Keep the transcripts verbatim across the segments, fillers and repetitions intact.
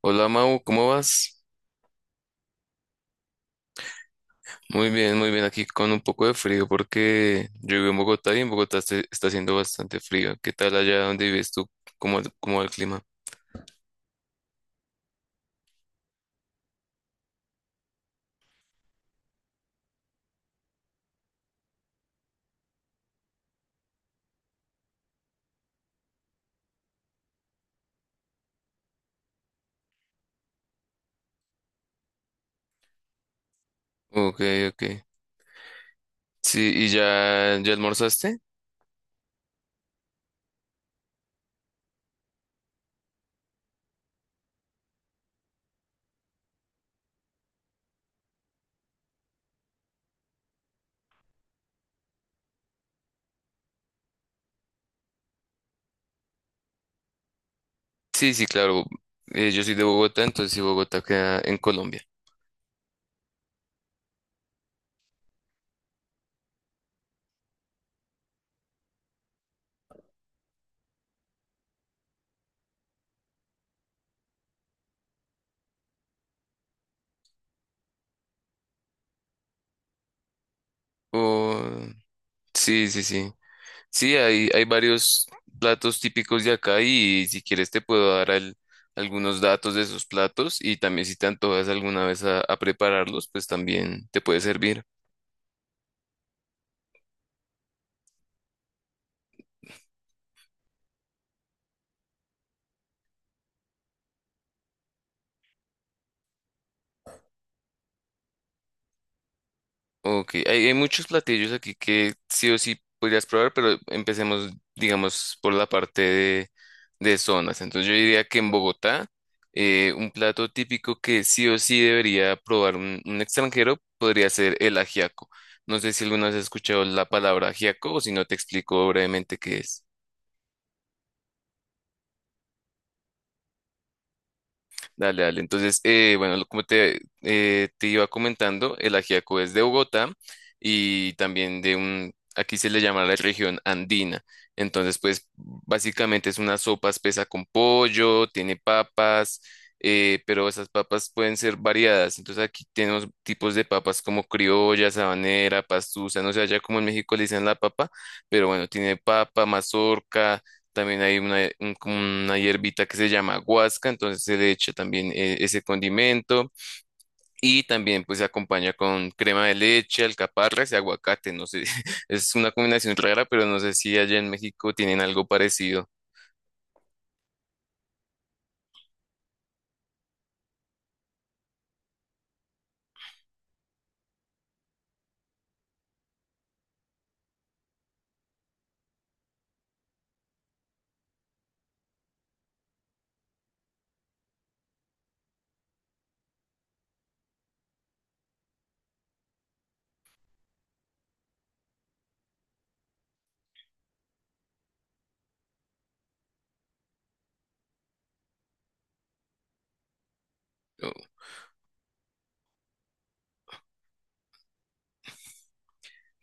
Hola Mau, ¿cómo vas? Muy bien, muy bien. Aquí con un poco de frío porque yo vivo en Bogotá y en Bogotá este- está haciendo bastante frío. ¿Qué tal allá donde vives tú? ¿Cómo, cómo va el clima? Ok, ok. Sí, ¿y ya, ya almorzaste? Sí, sí, claro. Eh, yo soy de Bogotá, entonces sí, Bogotá queda en Colombia. Oh, sí, sí, sí. Sí, hay, hay varios platos típicos de acá y si quieres te puedo dar al- algunos datos de esos platos y también si te antojas alguna vez a, a prepararlos, pues también te puede servir. Ok, hay, hay muchos platillos aquí que sí o sí podrías probar, pero empecemos, digamos, por la parte de, de zonas. Entonces yo diría que en Bogotá, eh, un plato típico que sí o sí debería probar un, un extranjero podría ser el ajiaco. No sé si alguna vez has escuchado la palabra ajiaco o si no te explico brevemente qué es. Dale, dale. Entonces, eh, bueno, lo- como te, eh, te iba comentando, el ajiaco es de Bogotá y también de un, aquí se le llama la región andina. Entonces, pues básicamente es una sopa espesa con pollo, tiene papas, eh, pero esas papas pueden ser variadas. Entonces, aquí tenemos tipos de papas como criolla, sabanera, pastusa, no sé, allá como en México le dicen la papa, pero bueno, tiene papa, mazorca. También hay una, un- como una hierbita que se llama guasca, entonces se le echa también eh, ese condimento y también pues se acompaña con crema de leche, alcaparras y aguacate. No sé, es una combinación rara, pero no sé si allá en México tienen algo parecido.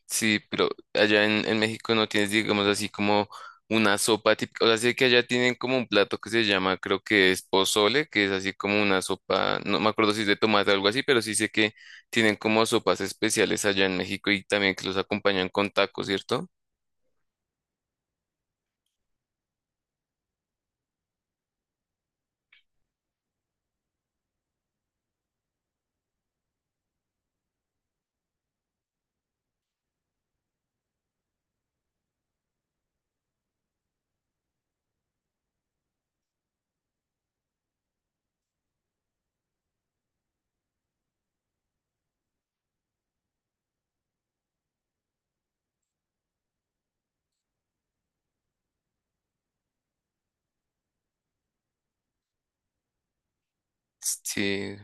Sí, pero allá en, en México no tienes, digamos así, como una sopa típica. O sea, sé que allá tienen como un plato que se llama, creo que es pozole, que es así como una sopa, no me acuerdo si es de tomate o algo así, pero sí sé que tienen como sopas especiales allá en México y también que los acompañan con tacos, ¿cierto? Sí,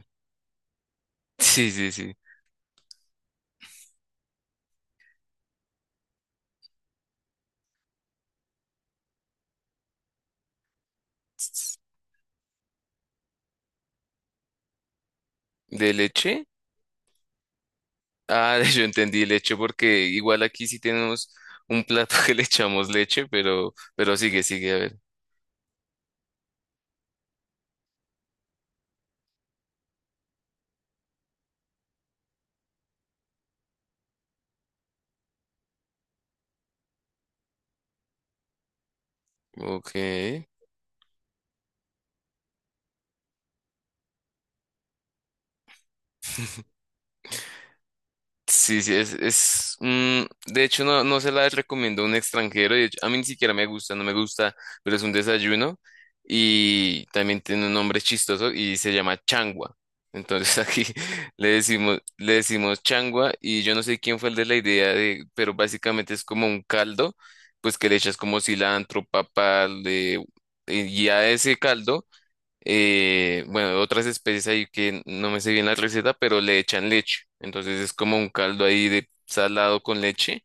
sí, sí, sí. ¿De leche? Ah, yo entendí leche porque igual aquí sí tenemos un plato que le echamos leche, pero, pero sigue, sigue, a ver. Ok. Sí, sí, es, es mm, de hecho no, no se la recomiendo a un extranjero, de hecho, a mí ni siquiera me gusta, no me gusta, pero es un desayuno y también tiene un nombre chistoso y se llama changua. Entonces aquí le decimos, le decimos changua y yo no sé quién fue el de la idea de, pero básicamente es como un caldo, pues que le echas como cilantro, papa, le, y a ese caldo eh, bueno, otras especies ahí que no me sé bien la receta, pero le echan leche. Entonces es como un caldo ahí de salado con leche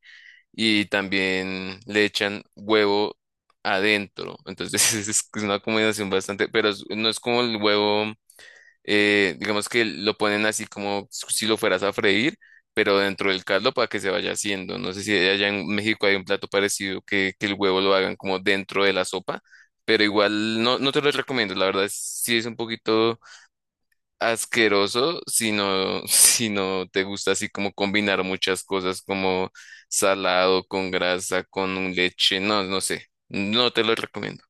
y también le echan huevo adentro. Entonces es una combinación bastante, pero es- no es como el huevo eh, digamos que lo ponen así como si lo fueras a freír, pero dentro del caldo para que se vaya haciendo. No sé si allá en México hay un plato parecido que, que el huevo lo hagan como dentro de la sopa, pero igual no, no te lo recomiendo. La verdad, es- sí es un poquito asqueroso si no, si no te gusta así como combinar muchas cosas como salado con grasa, con un leche. No, no sé. No te lo recomiendo.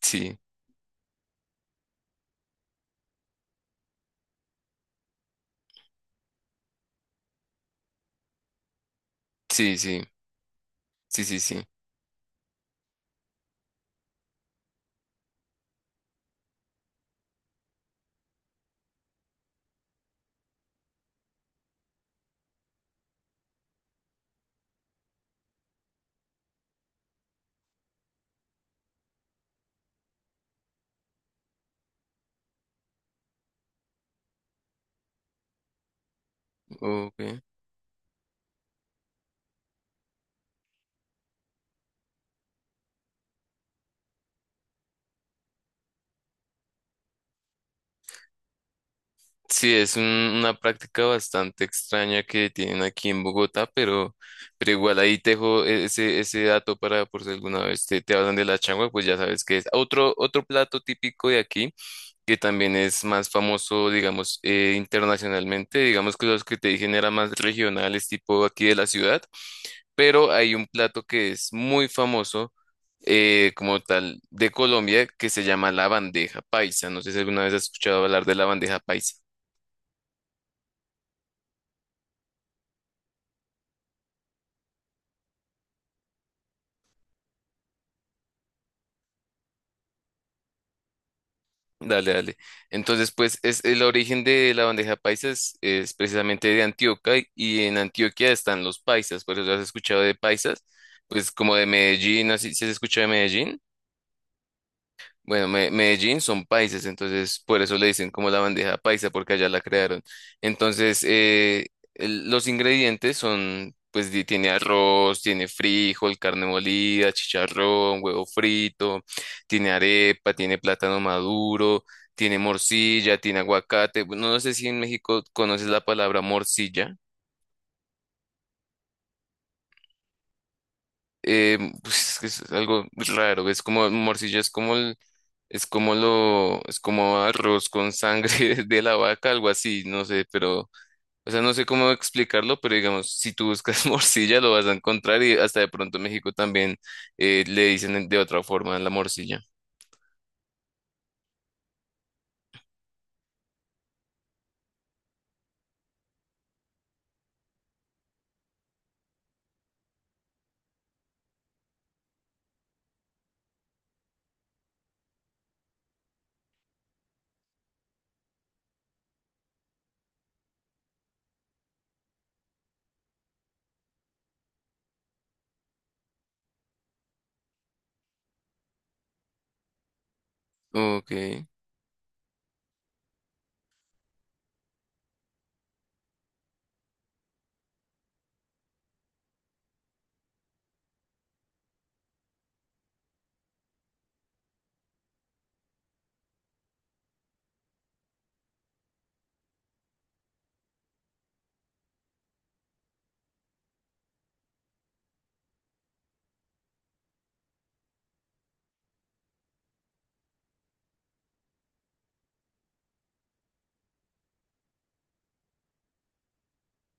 Sí, sí, sí, sí, sí, sí. Ok. Sí, es un- una práctica bastante extraña que tienen aquí en Bogotá, pero, pero igual ahí te dejo e, ese, ese dato para por si alguna vez te, te hablan de la changua, pues ya sabes que es otro, otro plato típico de aquí, que también es más famoso, digamos, eh, internacionalmente, digamos que los que te dije no eran más regionales, tipo aquí de la ciudad, pero hay un plato que es muy famoso, eh, como tal de Colombia que se llama la bandeja paisa. No sé si alguna vez has escuchado hablar de la bandeja paisa. Dale, dale. Entonces, pues es el origen de la bandeja paisa es, es precisamente de Antioquia y y en Antioquia están los paisas, por eso has escuchado de paisas, pues como de Medellín, así si has escuchado de Medellín. Bueno, Me- Medellín son paisas, entonces por eso le dicen como la bandeja paisa, porque allá la crearon. Entonces, eh, el- los ingredientes son, pues di- tiene arroz, tiene frijol, carne molida, chicharrón, huevo frito, tiene arepa, tiene plátano maduro, tiene morcilla, tiene aguacate. No, no sé si en México conoces la palabra morcilla. Eh, pues es que es algo raro, es como morcilla, es como el, es como lo, es como arroz con sangre de la vaca, algo así, no sé, pero, o sea, no sé cómo explicarlo, pero digamos, si tú buscas morcilla lo vas a encontrar y hasta de pronto en México también eh, le dicen de otra forma a la morcilla. Ok.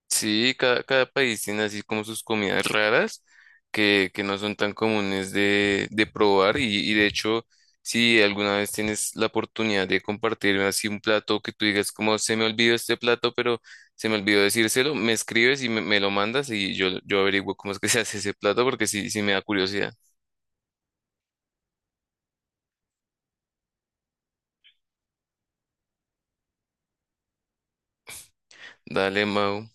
Sí, cada, cada país tiene así como sus comidas raras que, que no son tan comunes de, de probar y, y de hecho, si alguna vez tienes la oportunidad de compartir así un plato que tú digas como se me olvidó este plato, pero se me olvidó decírselo, me escribes y me, me lo mandas y yo, yo averiguo cómo es que se hace ese plato porque sí, sí me da curiosidad. Dale, Mau,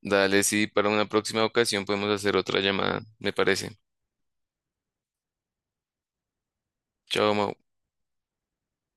dale, sí, para una próxima ocasión podemos hacer otra llamada, me parece. Chao, Mau.